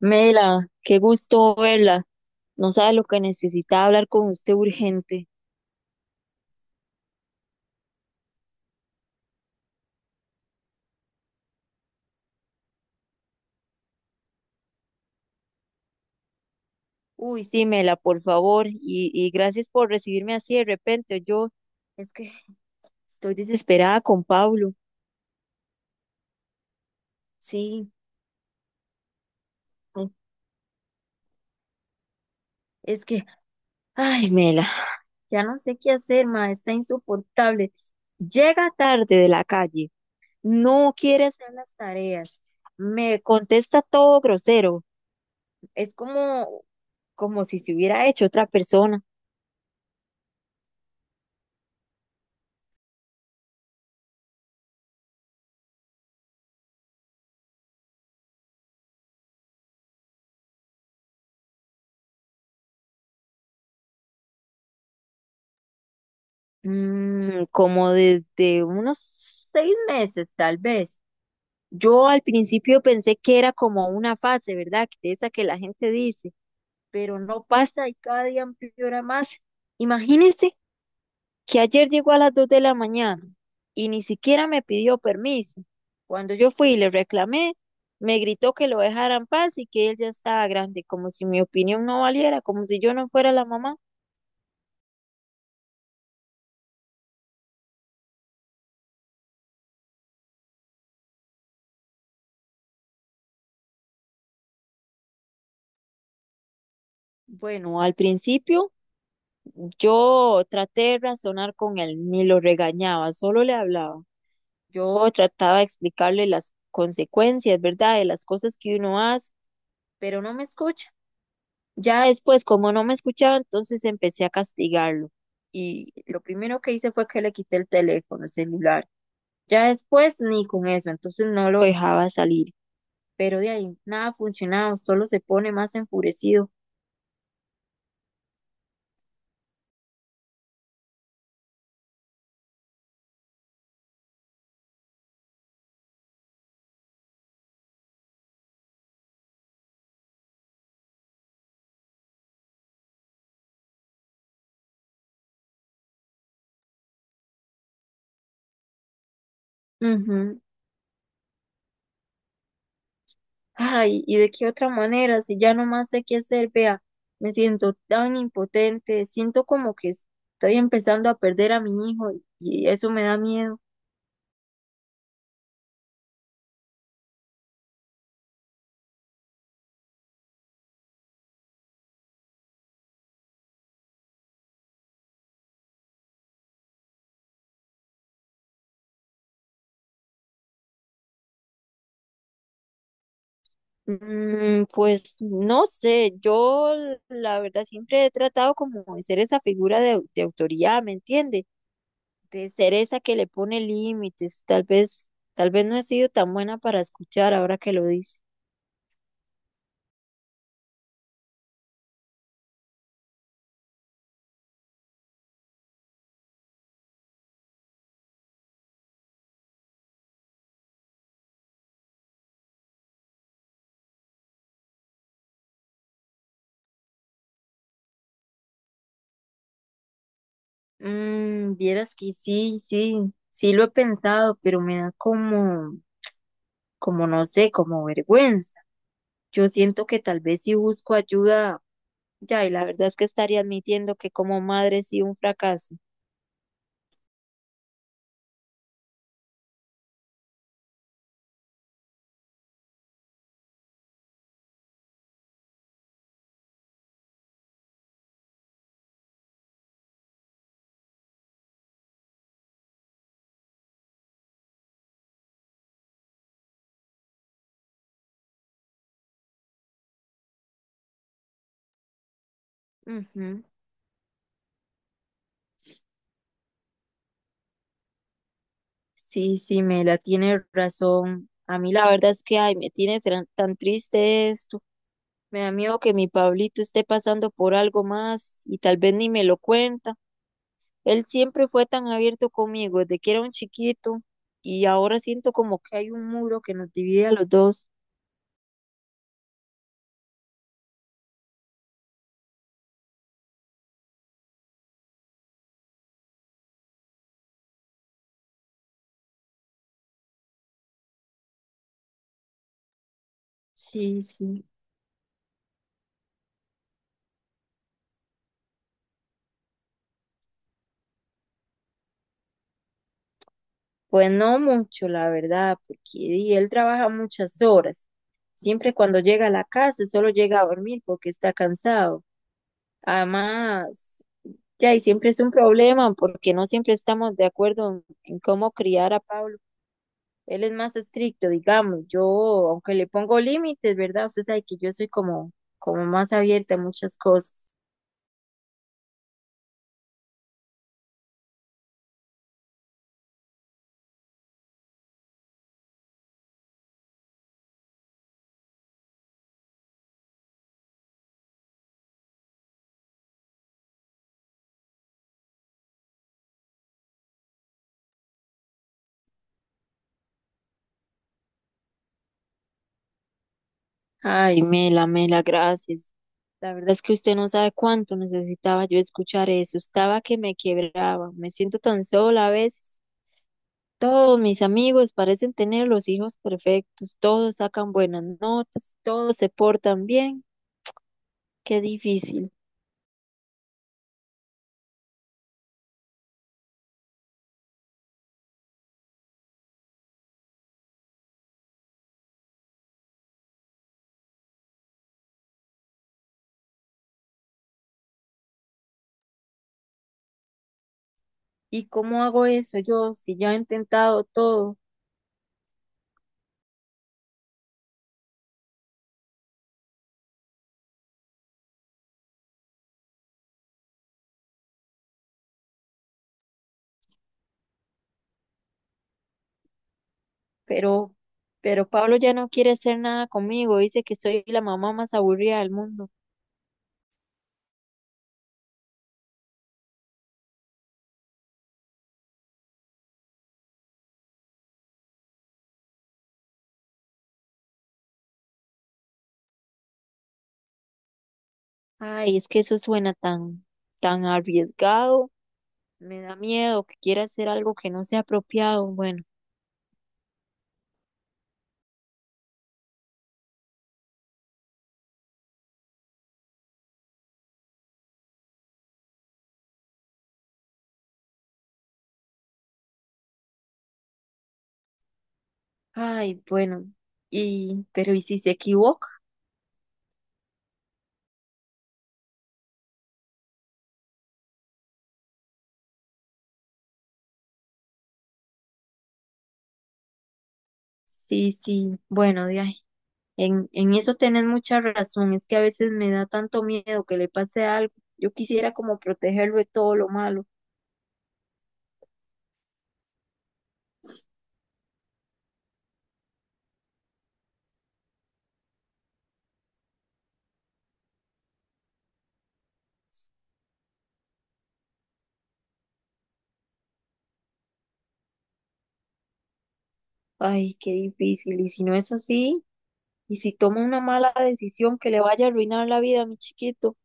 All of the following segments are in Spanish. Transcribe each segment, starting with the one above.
Mela, qué gusto verla. No sabe lo que necesitaba hablar con usted urgente. Uy, sí, Mela, por favor. Y gracias por recibirme así de repente. Yo es que estoy desesperada con Pablo. Sí, es que, ay, Mela, ya no sé qué hacer, ma, está insoportable. Llega tarde de la calle, no quiere hacer las tareas, me contesta todo grosero. Es como, como si se hubiera hecho otra persona. Como desde unos 6 meses, tal vez. Yo al principio pensé que era como una fase, ¿verdad? Que de esa que la gente dice, pero no pasa y cada día empeora más. Imagínese que ayer llegó a las 2 de la mañana y ni siquiera me pidió permiso. Cuando yo fui y le reclamé, me gritó que lo dejara en paz y que él ya estaba grande, como si mi opinión no valiera, como si yo no fuera la mamá. Bueno, al principio yo traté de razonar con él, ni lo regañaba, solo le hablaba. Yo trataba de explicarle las consecuencias, ¿verdad? De las cosas que uno hace, pero no me escucha. Ya después, como no me escuchaba, entonces empecé a castigarlo. Y lo primero que hice fue que le quité el teléfono, el celular. Ya después, ni con eso, entonces no lo dejaba salir. Pero de ahí, nada funcionaba, solo se pone más enfurecido. Ujú. Ay, ¿y de qué otra manera? Si ya no más sé qué hacer, vea, me siento tan impotente, siento como que estoy empezando a perder a mi hijo y eso me da miedo. Pues no sé, yo la verdad siempre he tratado como de ser esa figura de, de autoridad, ¿me entiende? De ser esa que le pone límites, tal vez no he sido tan buena para escuchar ahora que lo dice. Vieras que sí, sí, sí lo he pensado, pero me da como... como no sé, como vergüenza. Yo siento que tal vez si busco ayuda, ya, y la verdad es que estaría admitiendo que como madre sí un fracaso. Ujú. Sí, sí, me la tiene razón. A mí la verdad es que, ay, me tiene tan, triste esto. Me da miedo que mi Pablito esté pasando por algo más y tal vez ni me lo cuenta. Él siempre fue tan abierto conmigo desde que era un chiquito y ahora siento como que hay un muro que nos divide a los dos. Sí, sí. Pues no mucho, la verdad, porque di, él trabaja muchas horas. Siempre cuando llega a la casa, solo llega a dormir porque está cansado. Además, ya, y siempre es un problema porque no siempre estamos de acuerdo en cómo criar a Pablo. Él es más estricto, digamos. Yo, aunque le pongo límites, ¿verdad? Usted sabe que yo soy como, como más abierta a muchas cosas. Ay, Mela, Mela, gracias. La verdad es que usted no sabe cuánto necesitaba yo escuchar eso. Estaba que me quebraba. Me siento tan sola a veces. Todos mis amigos parecen tener los hijos perfectos. Todos sacan buenas notas. Todos se portan bien. Qué difícil. ¿Y cómo hago eso yo si ya he intentado todo? Pero, pero Pablo ya no quiere hacer nada conmigo. Dice que soy la mamá más aburrida del mundo. Ay, es que eso suena tan, tan arriesgado. Me da miedo que quiera hacer algo que no sea apropiado. Bueno, ay, bueno. Y, pero ¿y si se equivoca? Sí, sí, bueno, de ahí. En eso tenés mucha razón. Es que a veces me da tanto miedo que le pase algo. Yo quisiera como protegerlo de todo lo malo. Ay, qué difícil. Y si no es así, y si toma una mala decisión que le vaya a arruinar la vida a mi chiquito.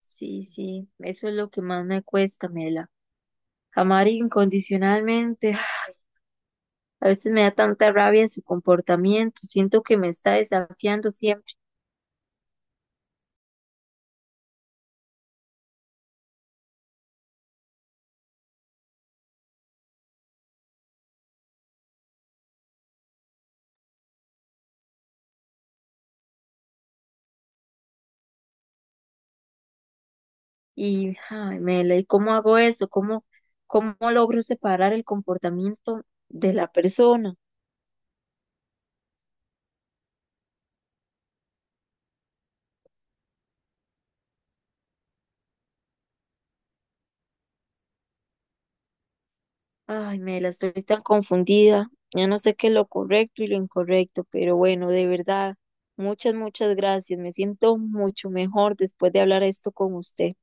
Sí, sí, eso es lo que más me cuesta, Mela. Amar incondicionalmente. A veces me da tanta rabia su comportamiento, siento que me está desafiando siempre y ay, Mela, ¿y cómo hago eso? ¿Cómo, cómo logro separar el comportamiento de la persona? Ay, Mela, estoy tan confundida, ya no sé qué es lo correcto y lo incorrecto, pero bueno, de verdad, muchas, muchas gracias, me siento mucho mejor después de hablar esto con usted.